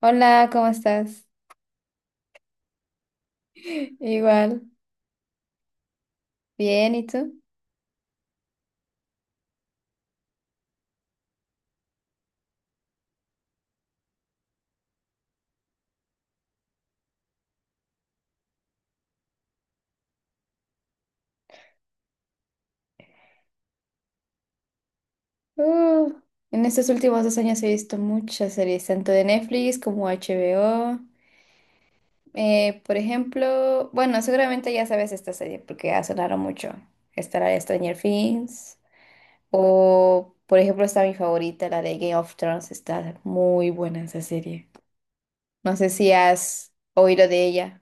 Hola, ¿cómo estás? Igual, bien, ¿y tú? Uh, en estos últimos 2 años he visto muchas series, tanto de Netflix como HBO. Por ejemplo, bueno, seguramente ya sabes esta serie porque ha sonado mucho. Está la de Stranger Things o, por ejemplo, está mi favorita, la de Game of Thrones. Está muy buena esa serie. No sé si has oído de ella.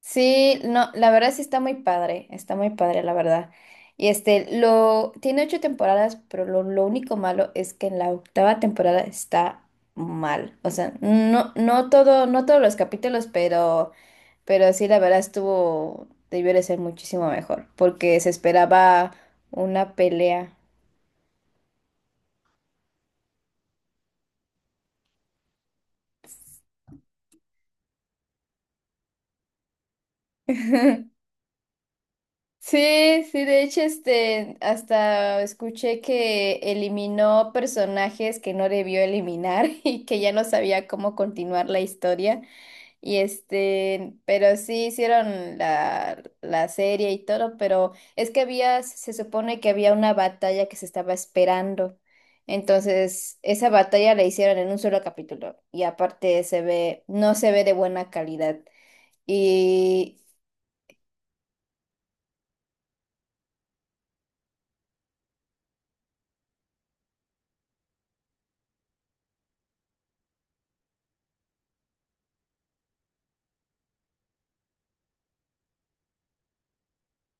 Sí, no, la verdad sí está muy padre, la verdad. Y este, lo, tiene 8 temporadas, pero lo único malo es que en la 8.ª temporada está mal. O sea, no, no todo, no todos los capítulos, pero sí, la verdad estuvo, debió de ser muchísimo mejor, porque se esperaba una pelea. Sí, sí, de hecho, este, hasta escuché que eliminó personajes que no debió eliminar y que ya no sabía cómo continuar la historia. Y este, pero sí hicieron la serie y todo, pero es que había, se supone que había una batalla que se estaba esperando. Entonces, esa batalla la hicieron en un solo capítulo. Y aparte se ve, no se ve de buena calidad. Y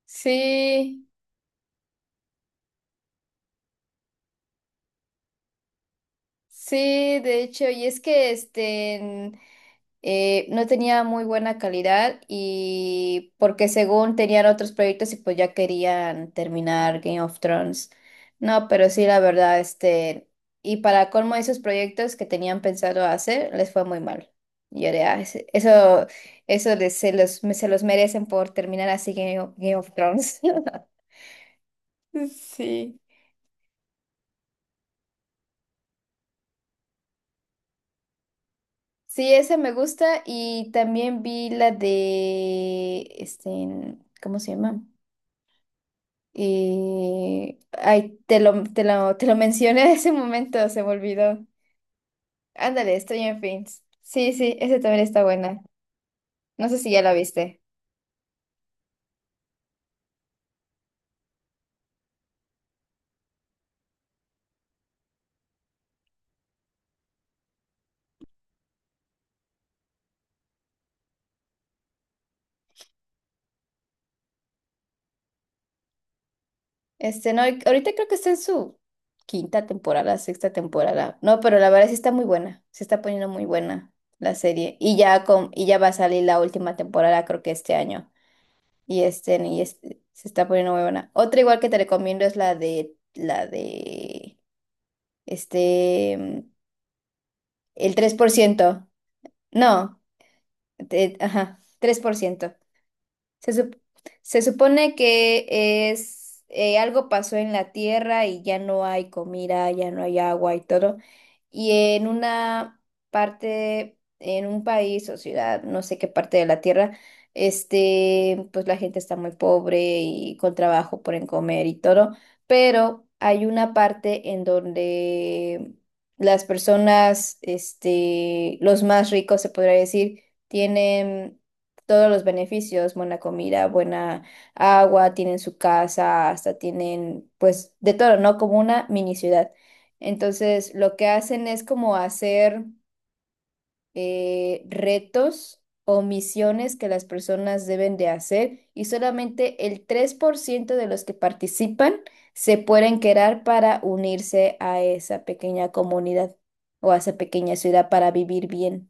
sí. Sí, de hecho, y es que no tenía muy buena calidad y porque según tenían otros proyectos y pues ya querían terminar Game of Thrones. No, pero sí, la verdad, este, y para colmo esos proyectos que tenían pensado hacer, les fue muy mal. Y yo de, "Ah, eso, eso les- se los, se los merecen por terminar así Game of Thrones". Sí. Sí, esa me gusta y también vi la de, este, ¿cómo se llama? Ay, te lo, te lo, te lo mencioné en ese momento, se me olvidó. Ándale, estoy en Things. Sí, sí, esa también está buena. No sé si ya la viste. Este, no, ahorita creo que está en su 5.ª temporada, 6.ª temporada. No, pero la verdad sí está muy buena. Se está poniendo muy buena la serie. Y ya con, y ya va a salir la última temporada, creo que este año. Y este, se está poniendo muy buena. Otra igual que te recomiendo es la de, este, mm, el 3%. No, ajá, 3%. Se, sup- Se supone que es algo pasó en la tierra y ya no hay comida, ya no hay agua y todo. Y en una parte, en un país o ciudad, no sé qué parte de la tierra, este, pues la gente está muy pobre y con trabajo por en comer y todo. Pero hay una parte en donde las personas, este, los más ricos se podría decir, tienen todos los beneficios, buena comida, buena agua, tienen su casa, hasta tienen pues de todo, ¿no? Como una mini ciudad. Entonces, lo que hacen es como hacer retos o misiones que las personas deben de hacer y solamente el 3% de los que participan se pueden quedar para unirse a esa pequeña comunidad o a esa pequeña ciudad para vivir bien.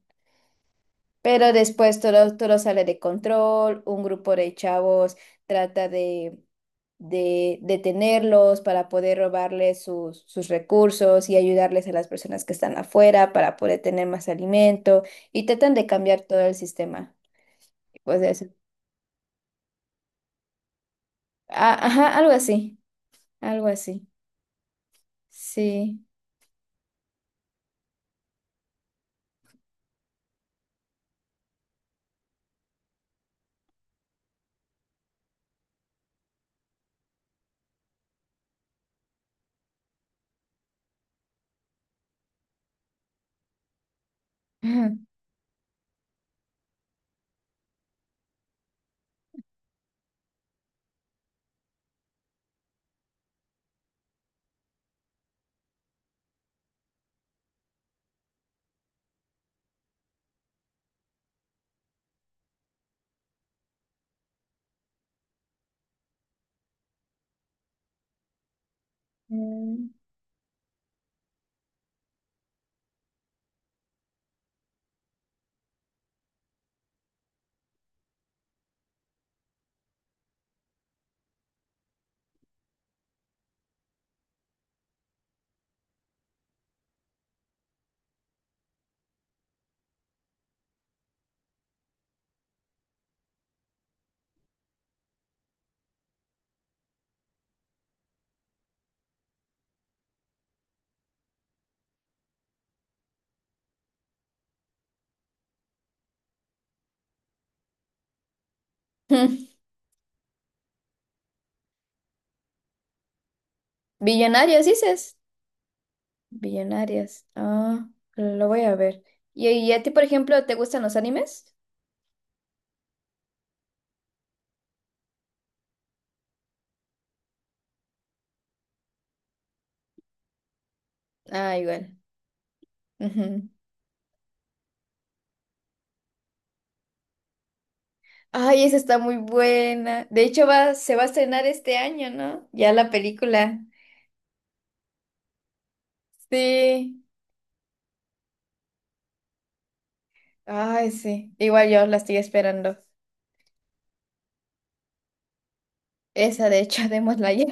Pero después todo, todo sale de control, un grupo de chavos trata de detenerlos para poder robarles sus, sus recursos y ayudarles a las personas que están afuera para poder tener más alimento y tratan de cambiar todo el sistema. Pues eso. Ah, ajá, algo así, algo así. Sí. Ajá. Mm. Billonarios, dices. Billonarios. Ah, lo voy a ver. Y a ti, por ejemplo, te gustan los animes? Ah, igual. Ujú. Ay, esa está muy buena. De hecho, va, se va a estrenar este año, ¿no? Ya la película. Sí. Ay, sí. Igual yo la estoy esperando. Esa, de hecho, démosla ya.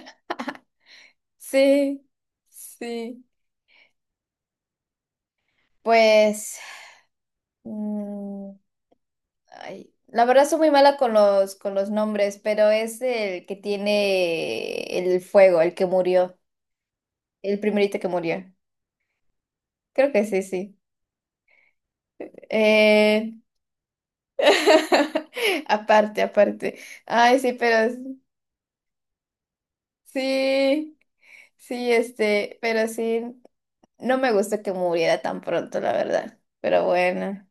Sí, sí. Pues, mm, ay, la verdad soy muy mala con los nombres, pero es el que tiene el fuego, el que murió, el primerito que murió. Creo que sí, sí. Eh, Aparte, aparte. Ay, sí, pero sí, sí, este, pero sí, no me gusta que muriera tan pronto, la verdad. Pero bueno,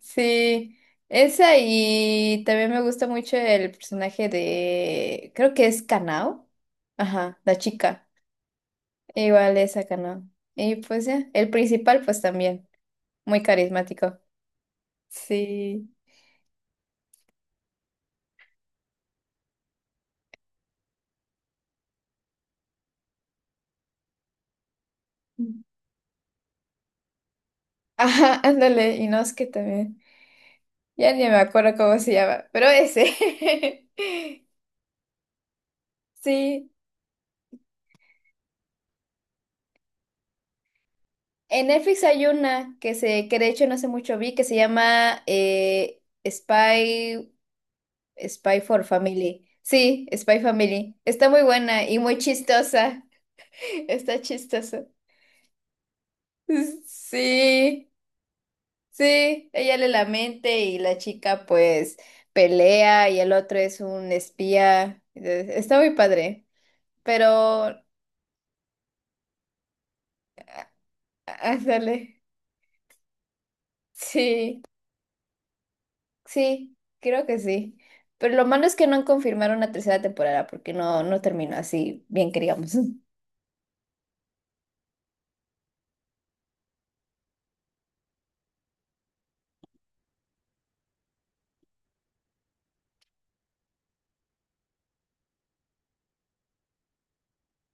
sí, esa y también me gusta mucho el personaje de, creo que es Kanao. Ajá, la chica. Igual esa Kanao. Y pues ya, el principal pues también, muy carismático. Sí. Ajá, ándale, Inosuke también. Ya ni me acuerdo cómo se llama, pero ese. Sí. En Netflix hay una que se, que de hecho no hace mucho vi, que se llama Spy for Family. Sí, Spy Family. Está muy buena y muy chistosa. Está chistosa. Sí, sí. Ella le lamente y la chica pues pelea y el otro es un espía. Está muy padre. Pero, ándale. Sí. Sí, creo que sí. Pero lo malo es que no han confirmado una 3.ª temporada porque no, no terminó así bien que digamos.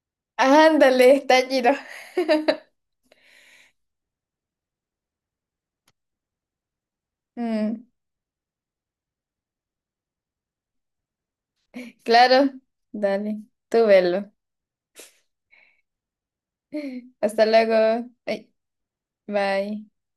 Ándale, está giro. Mm, claro, dale, tú velo. Hasta luego. Ay, bye.